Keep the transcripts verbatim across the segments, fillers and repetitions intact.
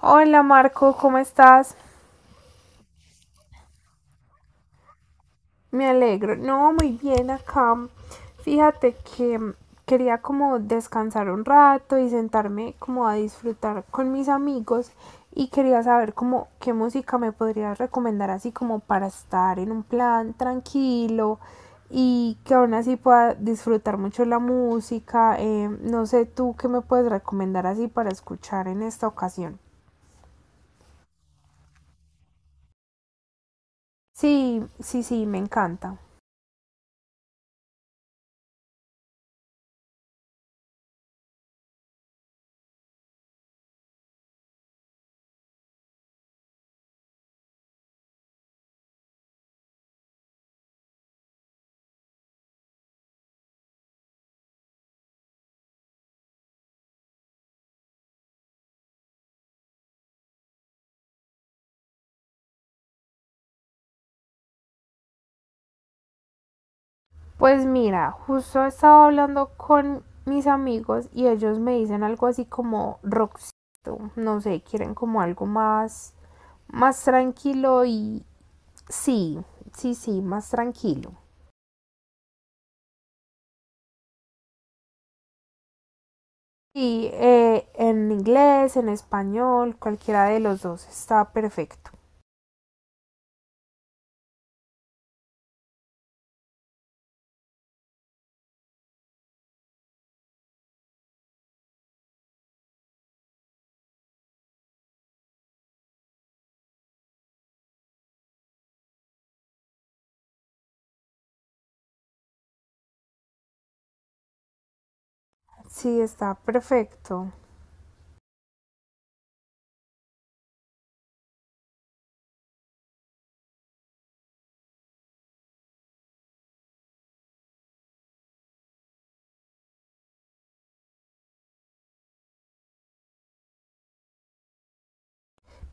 Hola Marco, ¿cómo estás? Me alegro. No, muy bien acá. Fíjate que quería como descansar un rato y sentarme como a disfrutar con mis amigos y quería saber como qué música me podrías recomendar así como para estar en un plan tranquilo y que aún así pueda disfrutar mucho la música. Eh, no sé tú qué me puedes recomendar así para escuchar en esta ocasión. Sí, sí, sí, me encanta. Pues mira, justo estaba hablando con mis amigos y ellos me dicen algo así como rockcito, no sé, quieren como algo más, más tranquilo y sí, sí, sí, más tranquilo. Y eh, en inglés, en español, cualquiera de los dos está perfecto. Sí, está perfecto.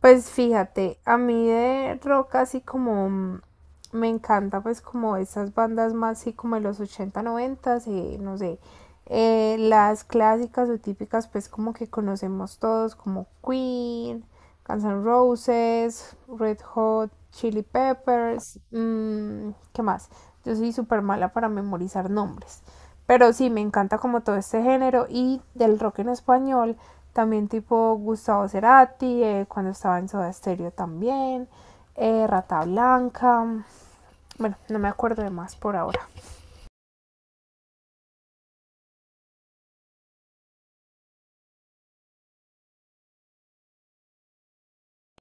Pues fíjate, a mí de rock así como mm, me encanta pues como estas bandas más así como de los ochenta noventa, eh, no sé, eh, las clásicas o típicas pues como que conocemos todos como Queen, Guns N' Roses, Red Hot, Chili Peppers, mm, ¿qué más? Yo soy súper mala para memorizar nombres. Pero sí, me encanta como todo este género y del rock en español, también tipo Gustavo Cerati, eh, cuando estaba en Soda Stereo también, eh, Rata Blanca, bueno, no me acuerdo de más por ahora.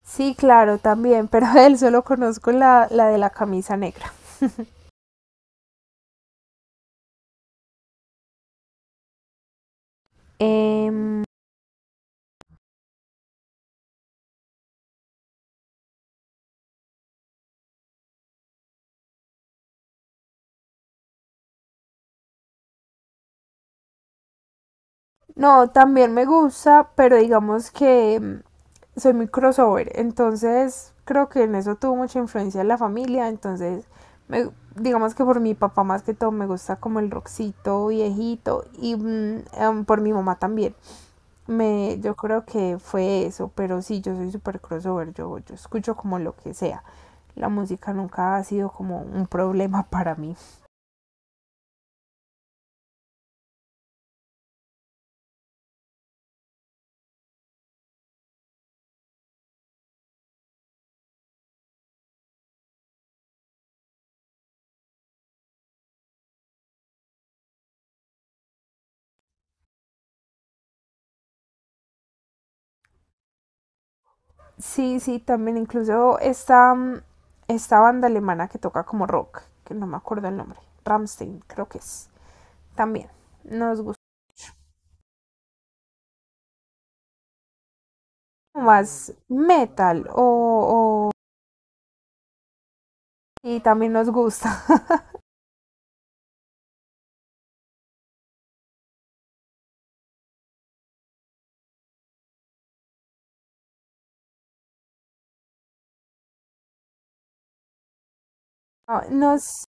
Sí, claro, también, pero él solo conozco la, la de la camisa negra. Em, No, también me gusta, pero digamos que mm, soy muy crossover, entonces creo que en eso tuvo mucha influencia en la familia, entonces me- digamos que por mi papá más que todo me gusta como el rockcito viejito y mm, em, por mi mamá también. Me, yo creo que fue eso, pero sí, yo soy súper crossover, yo, yo escucho como lo que sea. La música nunca ha sido como un problema para mí. Sí, sí, también incluso esta, mm, esta banda alemana que toca como rock, que no me acuerdo el nombre, Rammstein creo que es, también nos gusta mucho. Más metal o, o- y también nos gusta. No, nos.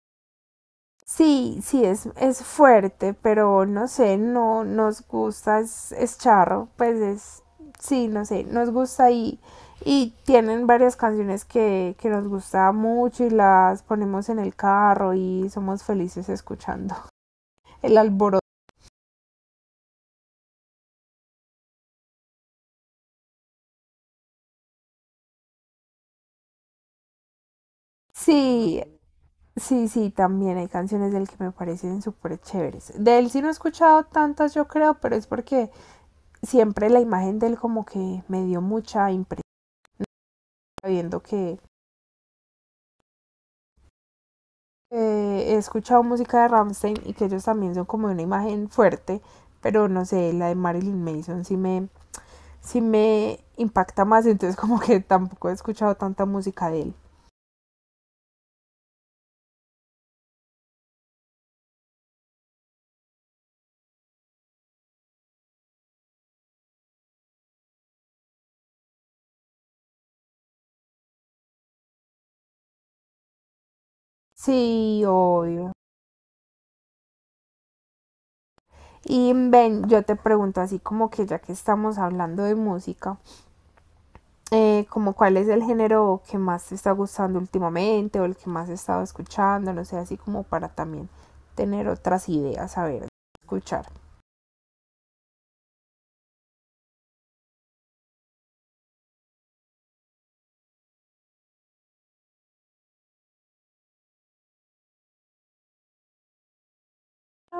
Sí, sí, es, es fuerte, pero no sé, no nos gusta, es, es charro, pues es, sí, no sé, nos gusta y, y tienen varias canciones que, que nos gusta mucho y las ponemos en el carro y somos felices escuchando el alboroto. Sí, sí, sí, también hay canciones del que me parecen súper chéveres. De él sí no he escuchado tantas, yo creo, pero es porque siempre la imagen de él como que me dio mucha impresión, viendo que eh, he escuchado música de Rammstein y que ellos también son como una imagen fuerte, pero no sé, la de Marilyn Manson sí me, sí me impacta más, entonces como que tampoco he escuchado tanta música de él. Sí, obvio. Y Ben, yo te pregunto así como que ya que estamos hablando de música, eh, como cuál es el género que más te está gustando últimamente o el que más he estado escuchando, no sé, así como para también tener otras ideas, a ver, escuchar.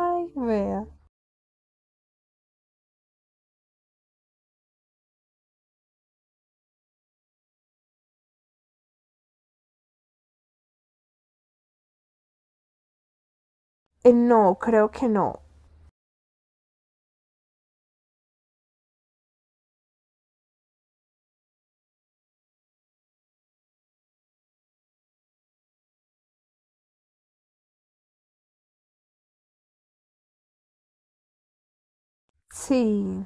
Ay, vea. Eh, no, creo que no. Sí.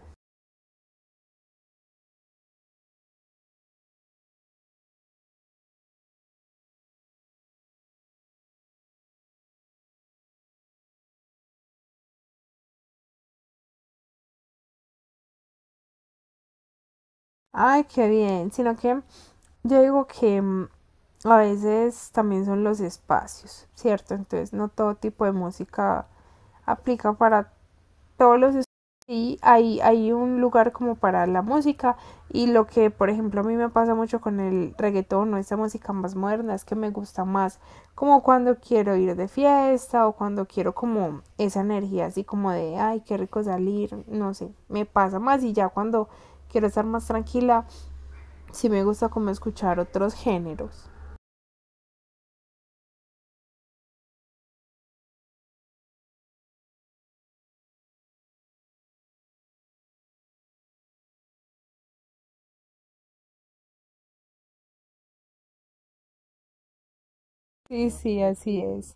Ay, qué bien. Sino que yo digo que mm, a veces también son los espacios, ¿cierto? Entonces no todo tipo de música aplica para todos los estudios y hay, hay un lugar como para la música y lo que por ejemplo a mí me pasa mucho con el reggaetón o esta música más moderna es que me gusta más como cuando quiero ir de fiesta o cuando quiero como esa energía así como de ay qué rico salir, no sé, me pasa más y ya cuando quiero estar más tranquila sí me gusta como escuchar otros géneros. Sí, sí, así es.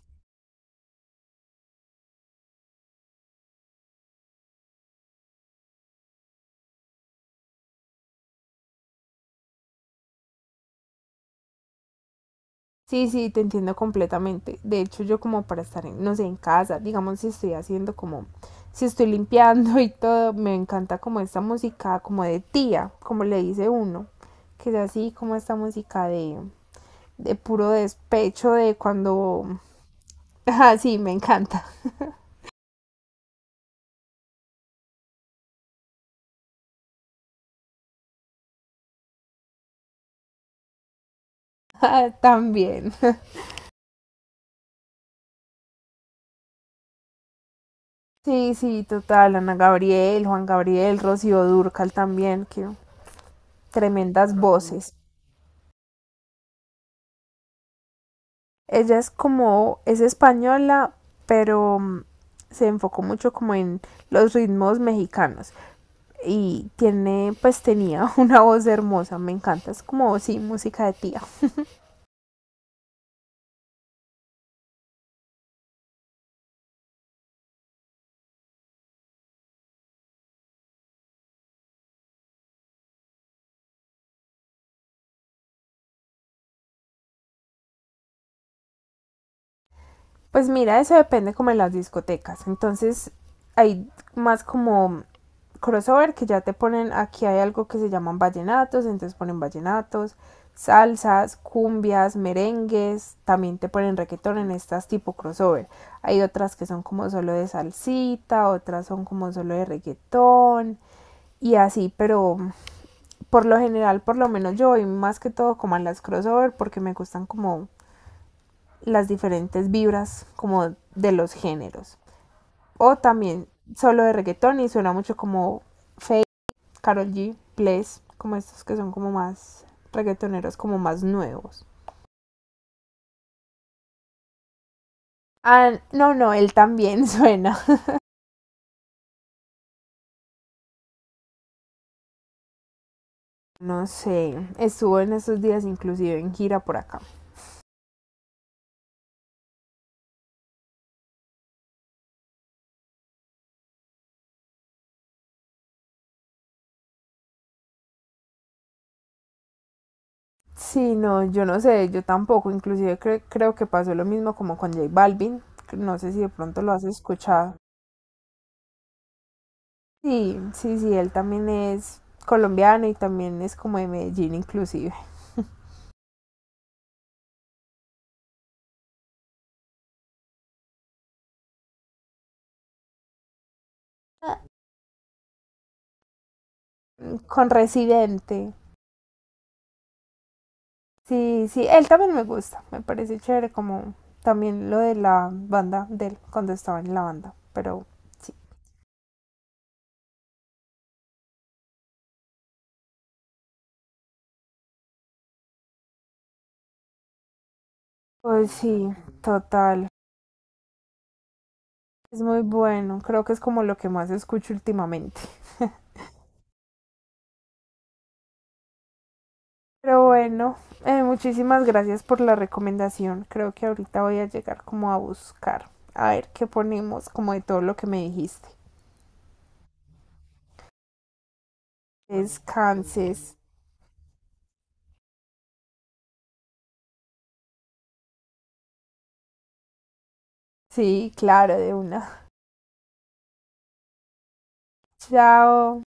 Sí, sí, te entiendo completamente. De hecho, yo como para estar, en- no sé, en casa, digamos, si estoy haciendo como, si estoy limpiando y todo, me encanta como esta música, como de tía, como le dice uno, que es así como esta música de, de puro despecho, de cuando... Ah, sí, me encanta. Ah, también. Sí, sí, total. Ana Gabriel, Juan Gabriel, Rocío Dúrcal también, que tremendas voces. Ella es como, es española, pero mm, se enfocó mucho como en los ritmos mexicanos. Y tiene, pues tenía una voz hermosa, me encanta, es como, sí, música de tía. Pues mira, eso depende como en las discotecas. Entonces hay más como crossover que ya te ponen, aquí hay algo que se llaman vallenatos, entonces ponen vallenatos, salsas, cumbias, merengues, también te ponen reggaetón en estas tipo crossover. Hay otras que son como solo de salsita, otras son como solo de reggaetón y así, pero por lo general, por lo menos yo voy más que todo como a las crossover porque me gustan como las diferentes vibras como de los géneros. O también solo de reggaetón y suena mucho como Faye, Carol G, Bless, como estos que son como más reggaetoneros, como más nuevos. Ah, no, no, él también suena. No sé, estuvo en estos días inclusive en gira por acá. Sí, no, yo no sé, yo tampoco, inclusive cre- creo que pasó lo mismo como con J Balvin, no sé si de pronto lo has escuchado. Sí, sí, sí, él también es colombiano y también es como de Medellín inclusive. Ah, con Residente. Sí, sí, él también me gusta, me parece chévere como también lo de la banda de él cuando estaba en la banda, pero sí. Pues sí, total. Es muy bueno, creo que es como lo que más escucho últimamente. Pero bueno, eh, muchísimas gracias por la recomendación. Creo que ahorita voy a llegar como a buscar, a ver qué ponemos como de todo lo que me dijiste. Descanses. Sí, claro, de una. Chao.